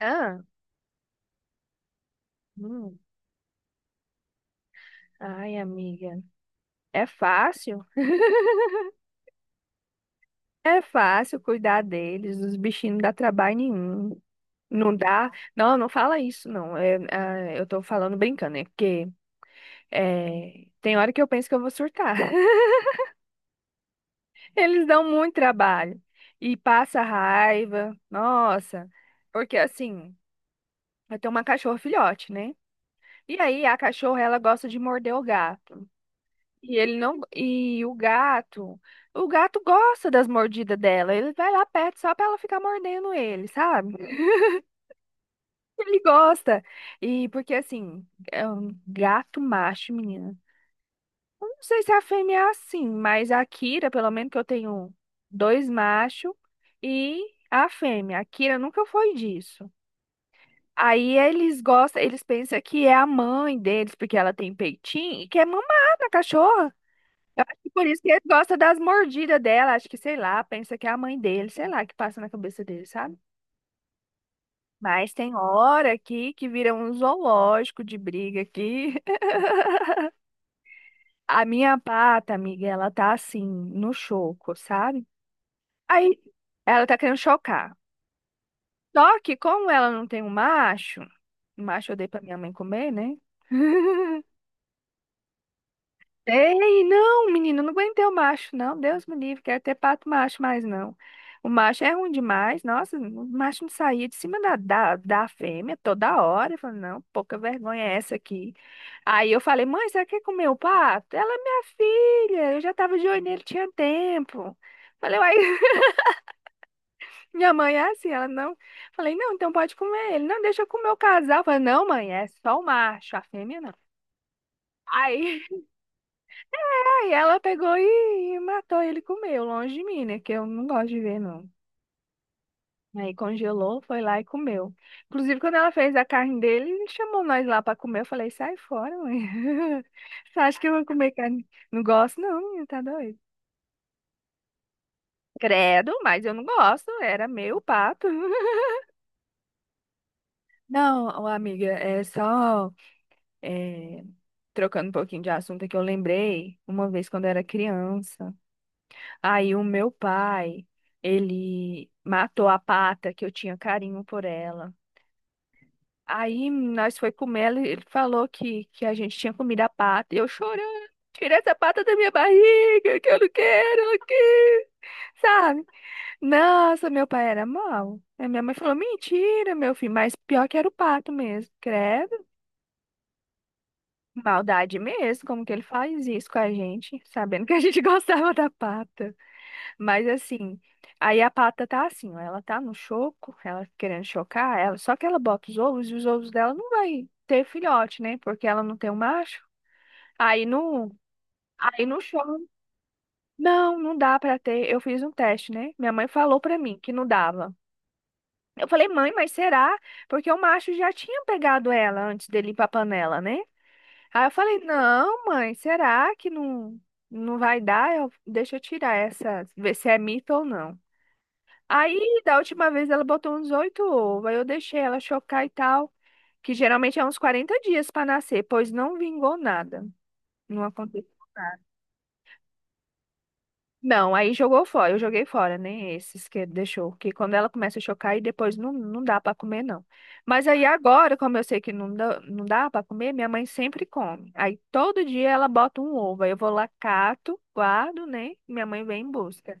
Ah, hum. Ai, amiga. É fácil? É fácil cuidar deles, os bichinhos não dá trabalho nenhum. Não dá. Não, não fala isso, não. É, eu tô falando brincando, é porque tem hora que eu penso que eu vou surtar. Eles dão muito trabalho e passa raiva. Nossa, porque assim, eu tenho uma cachorra filhote, né? E aí a cachorra ela gosta de morder o gato. E ele não. E o gato. O gato gosta das mordidas dela. Ele vai lá perto só pra ela ficar mordendo ele, sabe? Ele gosta. E porque assim, é um gato macho, menina. Não sei se a fêmea é assim, mas a Kira, pelo menos que eu tenho dois machos e a fêmea. A Kira nunca foi disso. Aí eles gostam, eles pensam que é a mãe deles, porque ela tem peitinho e quer mamar na cachorra. E por isso que ele gosta das mordidas dela. Acho que, sei lá, pensa que é a mãe dele, sei lá, que passa na cabeça dele, sabe? Mas tem hora aqui que vira um zoológico de briga aqui. A minha pata, amiga, ela tá assim, no choco, sabe? Aí ela tá querendo chocar. Só que como ela não tem um macho, o macho eu dei pra minha mãe comer, né? Ei, não, menino, não aguentei o macho, não. Deus me livre, quero ter pato macho mas não. O macho é ruim demais. Nossa, o macho não saía de cima da fêmea toda hora. Eu falei, não, pouca vergonha é essa aqui. Aí eu falei, mãe, você quer comer o pato? Ela é minha filha, eu já tava de olho nele, tinha tempo. Falei, uai, minha mãe é assim, ela não. Falei, não, então pode comer ele. Não, deixa eu comer o casal. Falei, não, mãe, é só o macho, a fêmea não. Aí Aí ela pegou e matou ele e comeu, longe de mim, né? Que eu não gosto de ver, não. Aí congelou, foi lá e comeu. Inclusive, quando ela fez a carne dele, ele chamou nós lá pra comer. Eu falei, sai fora, mãe. Você acha que eu vou comer carne? Não gosto, não, menina, tá doido. Credo, mas eu não gosto, era meu pato. Não, ô, amiga, é, trocando um pouquinho de assunto é que eu lembrei uma vez quando eu era criança. Aí o meu pai, ele matou a pata que eu tinha carinho por ela. Aí nós foi comer, ele falou que a gente tinha comido a pata. E eu chorando, tira essa pata da minha barriga, que eu não quero ela aqui, sabe? Nossa, meu pai era mau. Aí minha mãe falou, mentira, meu filho, mas pior que era o pato mesmo, credo. Maldade mesmo, como que ele faz isso com a gente, sabendo que a gente gostava da pata. Mas assim, aí a pata tá assim, ó, ela tá no choco, ela querendo chocar, ela, só que ela bota os ovos e os ovos dela não vai ter filhote, né? Porque ela não tem um macho. Aí no, aí no choro, não, não dá pra ter. Eu fiz um teste, né? Minha mãe falou pra mim que não dava. Eu falei, mãe, mas será? Porque o macho já tinha pegado ela antes dele ir pra panela, né? Aí eu falei, não, mãe, será que não vai dar? Eu, deixa eu tirar essa, ver se é mito ou não. Aí, da última vez, ela botou uns oito ovos, aí eu deixei ela chocar e tal, que geralmente é uns 40 dias para nascer, pois não vingou nada. Não aconteceu. Não, aí jogou fora, eu joguei fora, nem esses que deixou, que quando ela começa a chocar e depois não, não dá pra comer não. Mas aí agora, como eu sei que não dá, não dá para comer, minha mãe sempre come. Aí todo dia ela bota um ovo, aí eu vou lá cato, guardo, né? Minha mãe vem em busca.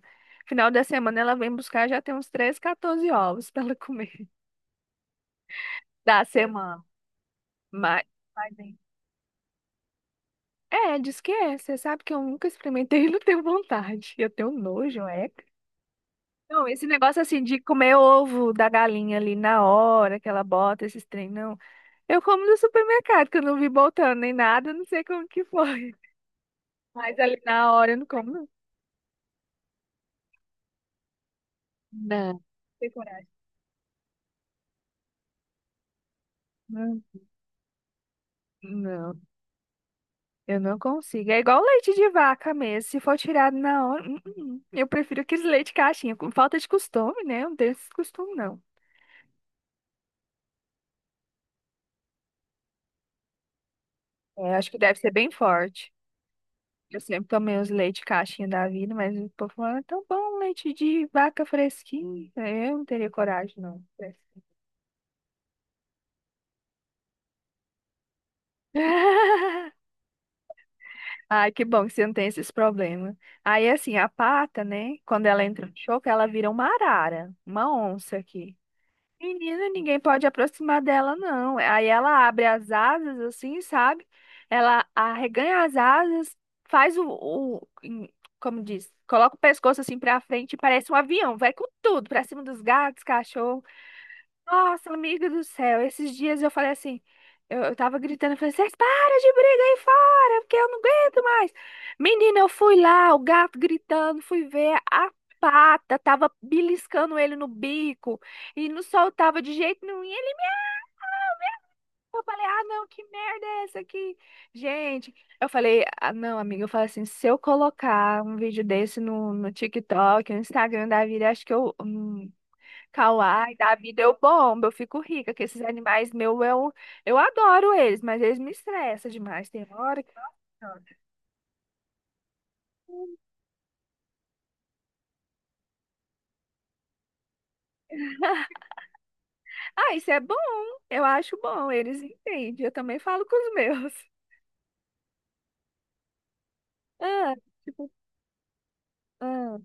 Final da semana ela vem buscar, já tem uns 13, 14 ovos pra ela comer da semana. Mas, mas, hein? É, diz que é, você sabe que eu nunca experimentei e não tenho vontade. Eu tenho nojo, é. Não, esse negócio assim de comer ovo da galinha ali na hora que ela bota esses trem, não. Eu como no supermercado, que eu não vi botando nem nada, não sei como que foi. Mas ali na hora eu não como, não. Não, tem coragem. Não, não, eu não consigo. É igual leite de vaca mesmo. Se for tirado na hora, eu prefiro aqueles leite caixinha. Com falta de costume, né? Eu não tenho esse costume, não. É, acho que deve ser bem forte. Eu sempre tomei os leite caixinha da vida, mas o povo fala, é tão bom, leite de vaca fresquinho. É, eu não teria coragem, não. Fresquinho. Ai, que bom que você não tem esses problemas. Aí, assim, a pata, né? Quando ela entra no choco, ela vira uma arara, uma onça aqui. Menina, ninguém pode aproximar dela, não. Aí ela abre as asas, assim, sabe? Ela arreganha as asas, faz o- em- como diz, coloca o pescoço assim pra frente e parece um avião. Vai com tudo, pra cima dos gatos, cachorro. Nossa, amiga do céu, esses dias eu falei assim, eu tava gritando, eu falei, vocês param de brigar aí fora, porque eu não aguento mais. Menina, eu fui lá, o gato gritando, fui ver a pata, tava beliscando ele no bico e não soltava de jeito nenhum. E ele, eu falei, ah, não, que merda é essa aqui? Gente, eu falei, ah, não, amiga, eu falei assim, se eu colocar um vídeo desse no TikTok, no Instagram da vida, acho que eu, Kauai, Dabi deu bomba, eu fico rica, que esses animais meu eu adoro eles, mas eles me estressam demais. Tem hora que. Nossa. Ah, isso é bom, eu acho bom, eles entendem, eu também falo com os meus. Ah, tipo, ah,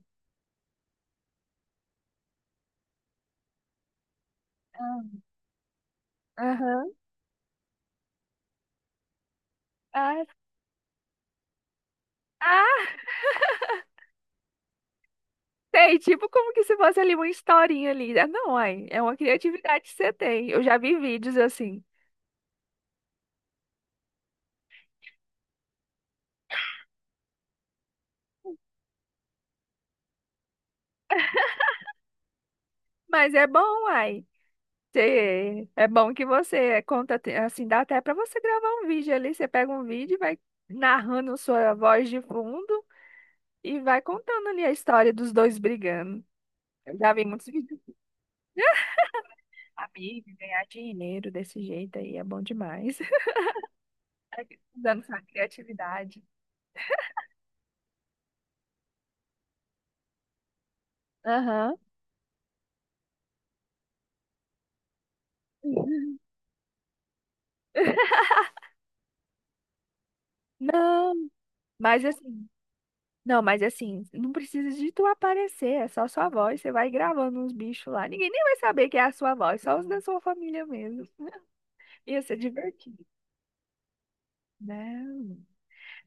ah, aham, ah, ah, sei, tipo como que se fosse ali uma historinha ali. Ah, não, ai, é uma criatividade que você tem, eu já vi vídeos assim. Mas é bom, ai. Sei. É bom que você conta, assim, dá até para você gravar um vídeo ali. Você pega um vídeo e vai narrando sua voz de fundo e vai contando ali a história dos dois brigando. Eu já vi muitos vídeos de amigos ganhar dinheiro desse jeito aí, é bom demais. Usando sua criatividade. Aham. Não, mas assim, não, mas assim, não precisa de tu aparecer, é só sua voz, você vai gravando uns bichos lá. Ninguém nem vai saber que é a sua voz, só os da sua família mesmo. Ia ser divertido. Não.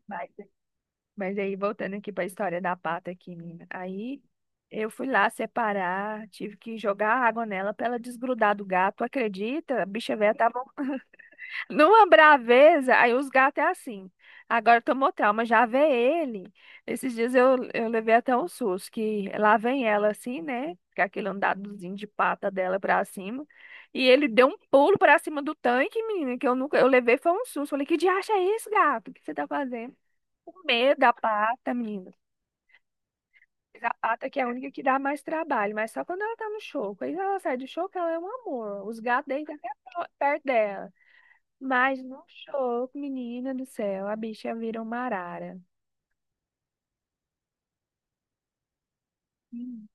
Mas, mas aí, voltando aqui para a história da pata aqui, menina. Aí eu fui lá separar, tive que jogar água nela para ela desgrudar do gato. Acredita? A bicha velha tava numa braveza. Aí os gatos é assim. Agora tomou trauma, já vê ele. Esses dias eu levei até um susto, que lá vem ela assim, né? Com aquele andadozinho de pata dela pra cima. E ele deu um pulo pra cima do tanque, menina, que eu nunca, eu levei foi um susto. Falei, que diacho é isso, gato? O que você tá fazendo? Comer da pata, menina. Mas a pata que é a única que dá mais trabalho, mas só quando ela tá no show. Quando ela sai do show, ela é um amor. Os gatos deitam até perto dela. Mas no show, menina do céu, a bicha vira uma arara. Hum.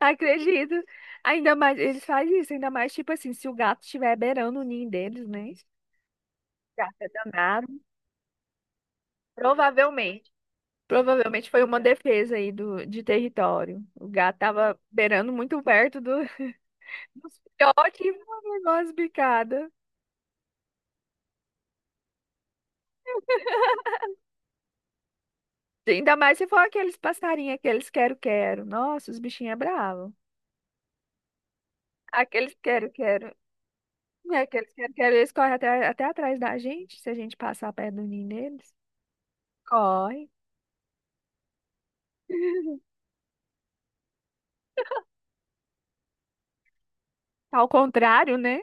Acredito. Ainda mais, eles fazem isso, ainda mais tipo assim, se o gato estiver beirando o ninho deles, né? Gato é danado. Provavelmente. Provavelmente foi uma defesa aí de território. O gato tava beirando muito perto do. Os filhotes, vão levar umas bicadas. Ainda mais se for aqueles passarinhos, aqueles quero-quero. Nossa, os bichinhos é bravo. Aqueles quero-quero. Né, aqueles quero-quero, eles correm até atrás da gente, se a gente passar perto do ninho deles. Corre. Tá, ao contrário, né?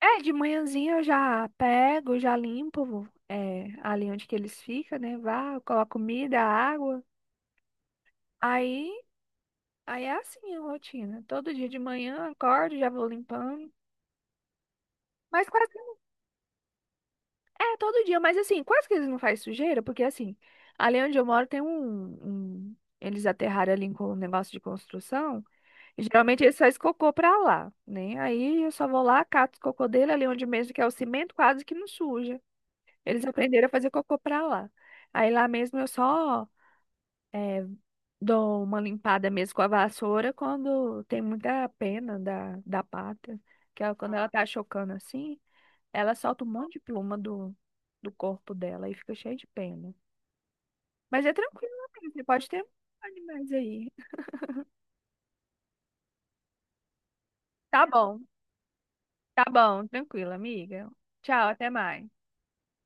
É, de manhãzinha eu já pego, já limpo ali onde que eles ficam, né? Vá, eu coloco comida, água. Aí, aí, é assim a rotina. Todo dia de manhã, acordo, já vou limpando. Mas quase É, todo dia, mas assim, quase que eles não fazem sujeira, porque assim, ali onde eu moro tem um, um- eles aterraram ali com um negócio de construção, e geralmente eles fazem cocô pra lá, né? Aí eu só vou lá, cato o cocô dele ali onde mesmo, que é o cimento quase que não suja. Eles aprenderam a fazer cocô pra lá. Aí lá mesmo eu só eh, dou uma limpada mesmo com a vassoura quando tem muita pena da pata, que é quando ela tá chocando assim. Ela solta um monte de pluma do corpo dela e fica cheia de pena. Mas é tranquilo, amiga. Você pode ter animais aí. Tá bom, tá bom, tranquilo, amiga. Tchau, até mais.